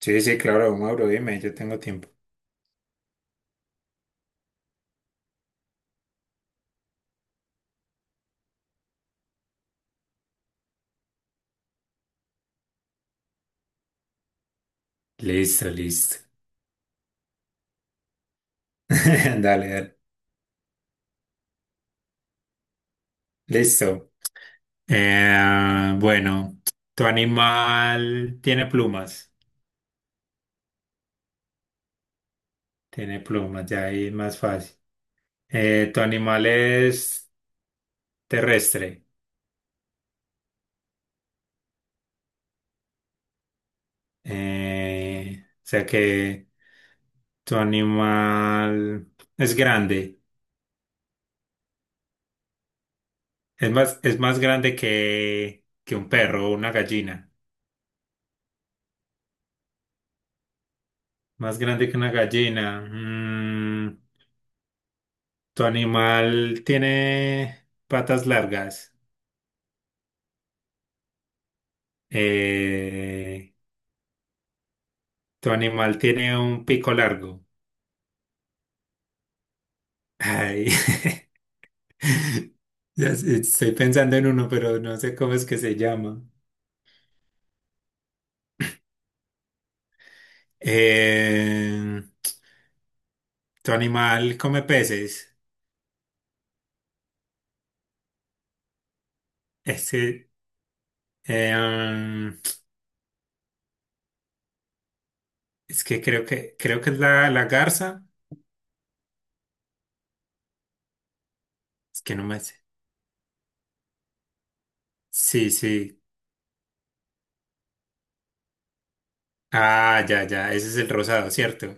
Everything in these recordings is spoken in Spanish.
Sí, sí, claro, Mauro, dime, yo tengo tiempo. Listo, listo. Dale, dale. Listo. Eh, bueno, tu animal tiene plumas. Tiene plumas, ya ahí es más fácil. Tu animal es terrestre. O sea que tu animal es grande. Es más grande que un perro o una gallina. Más grande que una gallina. Tu animal tiene patas largas. Eh, tu animal tiene un pico largo. Ay, ya sé, estoy pensando en uno, pero no sé cómo es que se llama. Eh, tu animal come peces. Es que, eh, um, es que creo que es la garza. Es que no me sé. Sí, sí. Ah, ya, ya. Ese es el rosado, ¿cierto?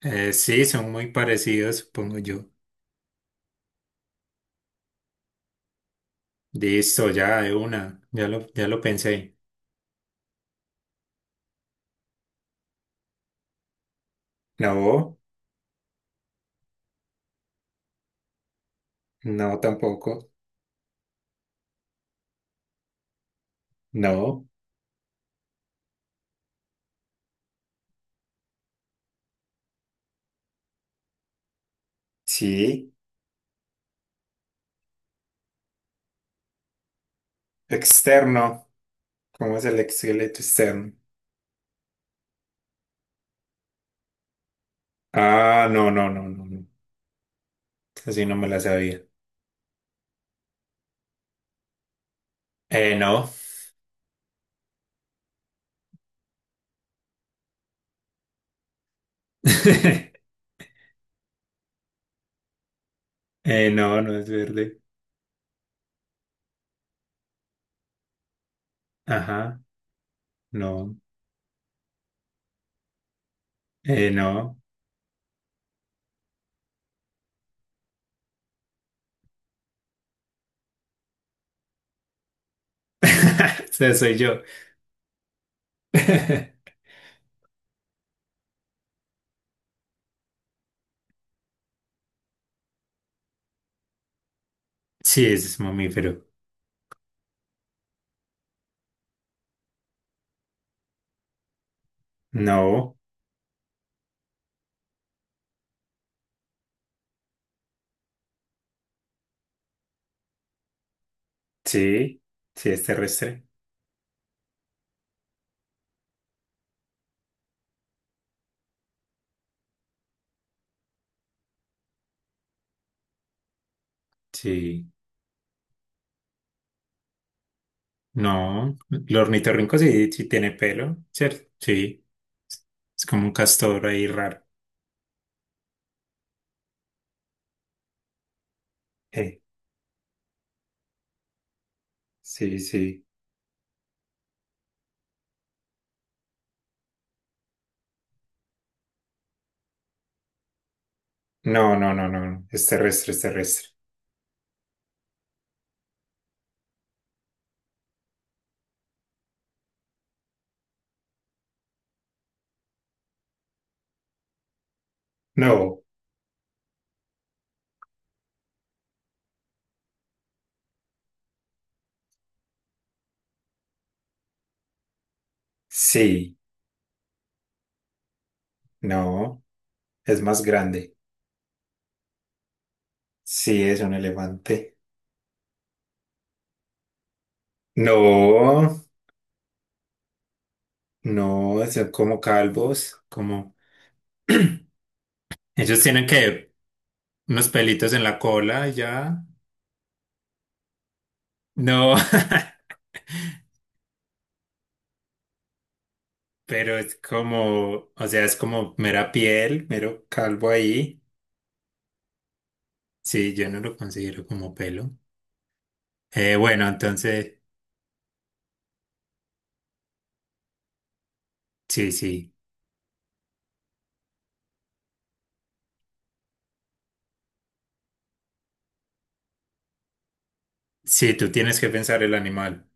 Sí, son muy parecidos, supongo yo. Listo, ya de una, ya ya lo pensé. No, no tampoco. No, sí. Externo. ¿Cómo es el esqueleto externo? Ah, no, no, no, no, no. Así no me la sabía. No. No, no es verde. Ajá, no. No. O sea, soy yo. Sí, es mamífero. No, sí, sí es terrestre. Sí. No, el ornitorrinco sí, sí tiene pelo, ¿cierto? Sí, es como un castor ahí raro. Eh, sí, sí. No, no, no, no, no, es terrestre, es terrestre. No, sí, no, es más grande. Sí, es un elefante. No, no, son como calvos, como. Ellos tienen que unos pelitos en la cola y ya. No, pero es como, o sea, es como mera piel, mero calvo ahí. Sí, yo no lo considero como pelo. Eh, bueno, entonces, sí, sí. Sí, tú tienes que pensar el animal.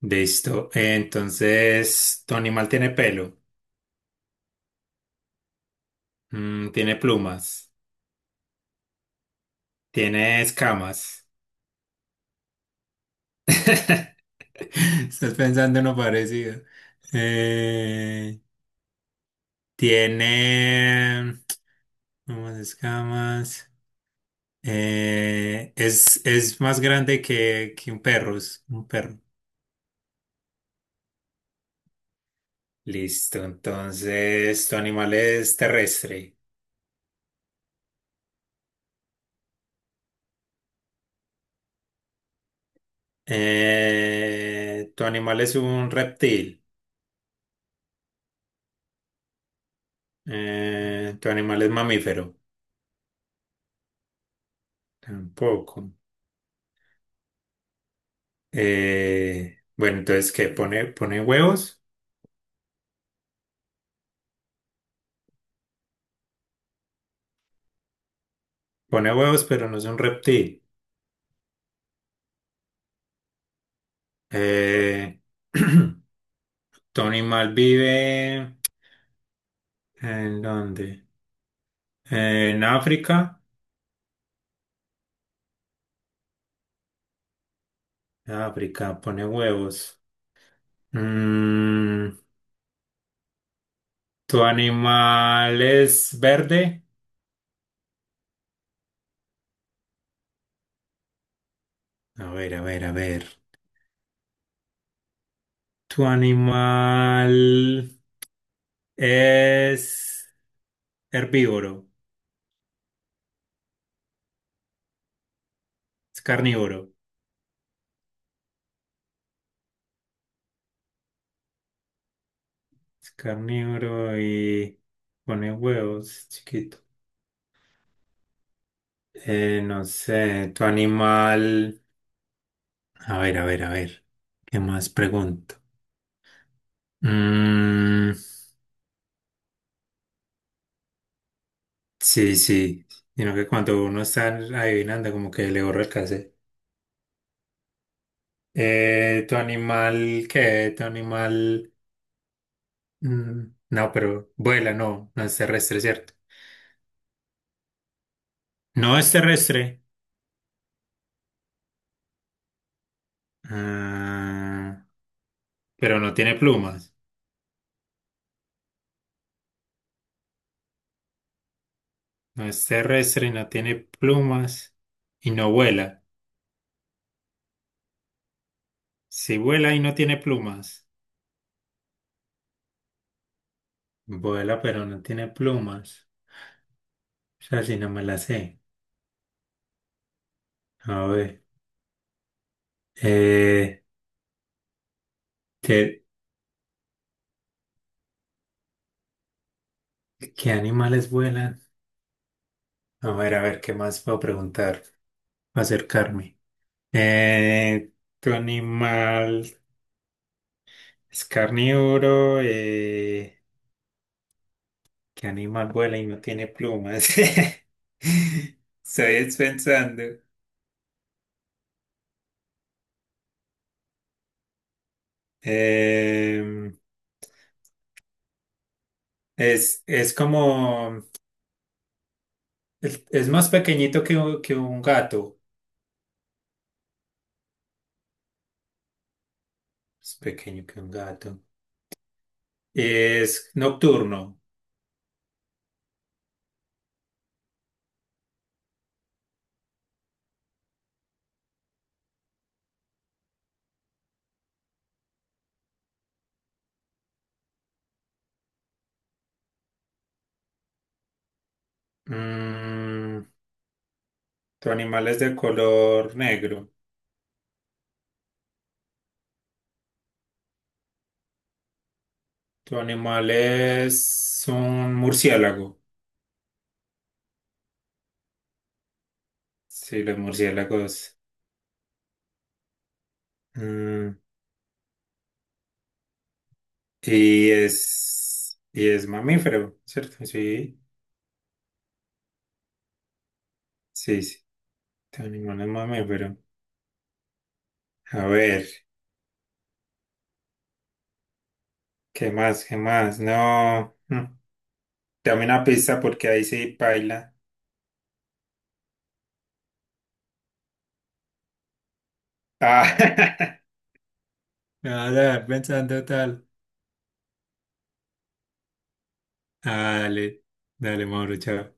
Listo. Tu animal tiene pelo. Tiene plumas, tiene escamas. Estás pensando en lo parecido. Eh, tiene plumas, escamas. Es más grande que un perro, es un perro. Listo, entonces tu animal es terrestre. Tu animal es un reptil. Tu animal es mamífero. Tampoco. ¿Qué? Pone huevos? Pone huevos, pero no es un reptil. Eh, tu animal vive ¿en dónde? En África. En África, pone huevos. Mm, ¿Tu animal es verde? A ver, a ver, a ver. ¿Tu animal es herbívoro? Es carnívoro. Es carnívoro y pone huevos, es chiquito. No sé, tu animal. A ver, a ver, a ver. ¿Qué más pregunto? Mm, sí, sí. Sino que cuando uno está adivinando, como que le borra el cassette. ¿Tu animal qué? ¿Tu animal? No, pero vuela, no, no es terrestre, ¿cierto? No es terrestre, ah, pero no tiene plumas. No es terrestre, no tiene plumas y no vuela. Si vuela y no tiene plumas, vuela, pero no tiene plumas. O sea, si no me la sé. A ver, eh, ¿qué, qué animales vuelan? A ver, ¿qué más puedo preguntar? Acercarme. Eh, ¿Tu animal? Es carnívoro. ¿Qué animal vuela y no tiene plumas? Estoy pensando. Em, es como. Es más pequeñito que un gato. Es pequeño que un gato. Es nocturno. Mm, tu animal es de color negro. Tu animal es un murciélago. Sí, los murciélagos. Mm, ¿y es, y es mamífero, cierto? Sí, sí, sí. Tu animal es mamífero. A ver, ¿qué más? ¿Qué más? No. Dame una pista porque ahí sí paila. Ah, me pensando tal. Ah, dale, dale, Mauro, chao.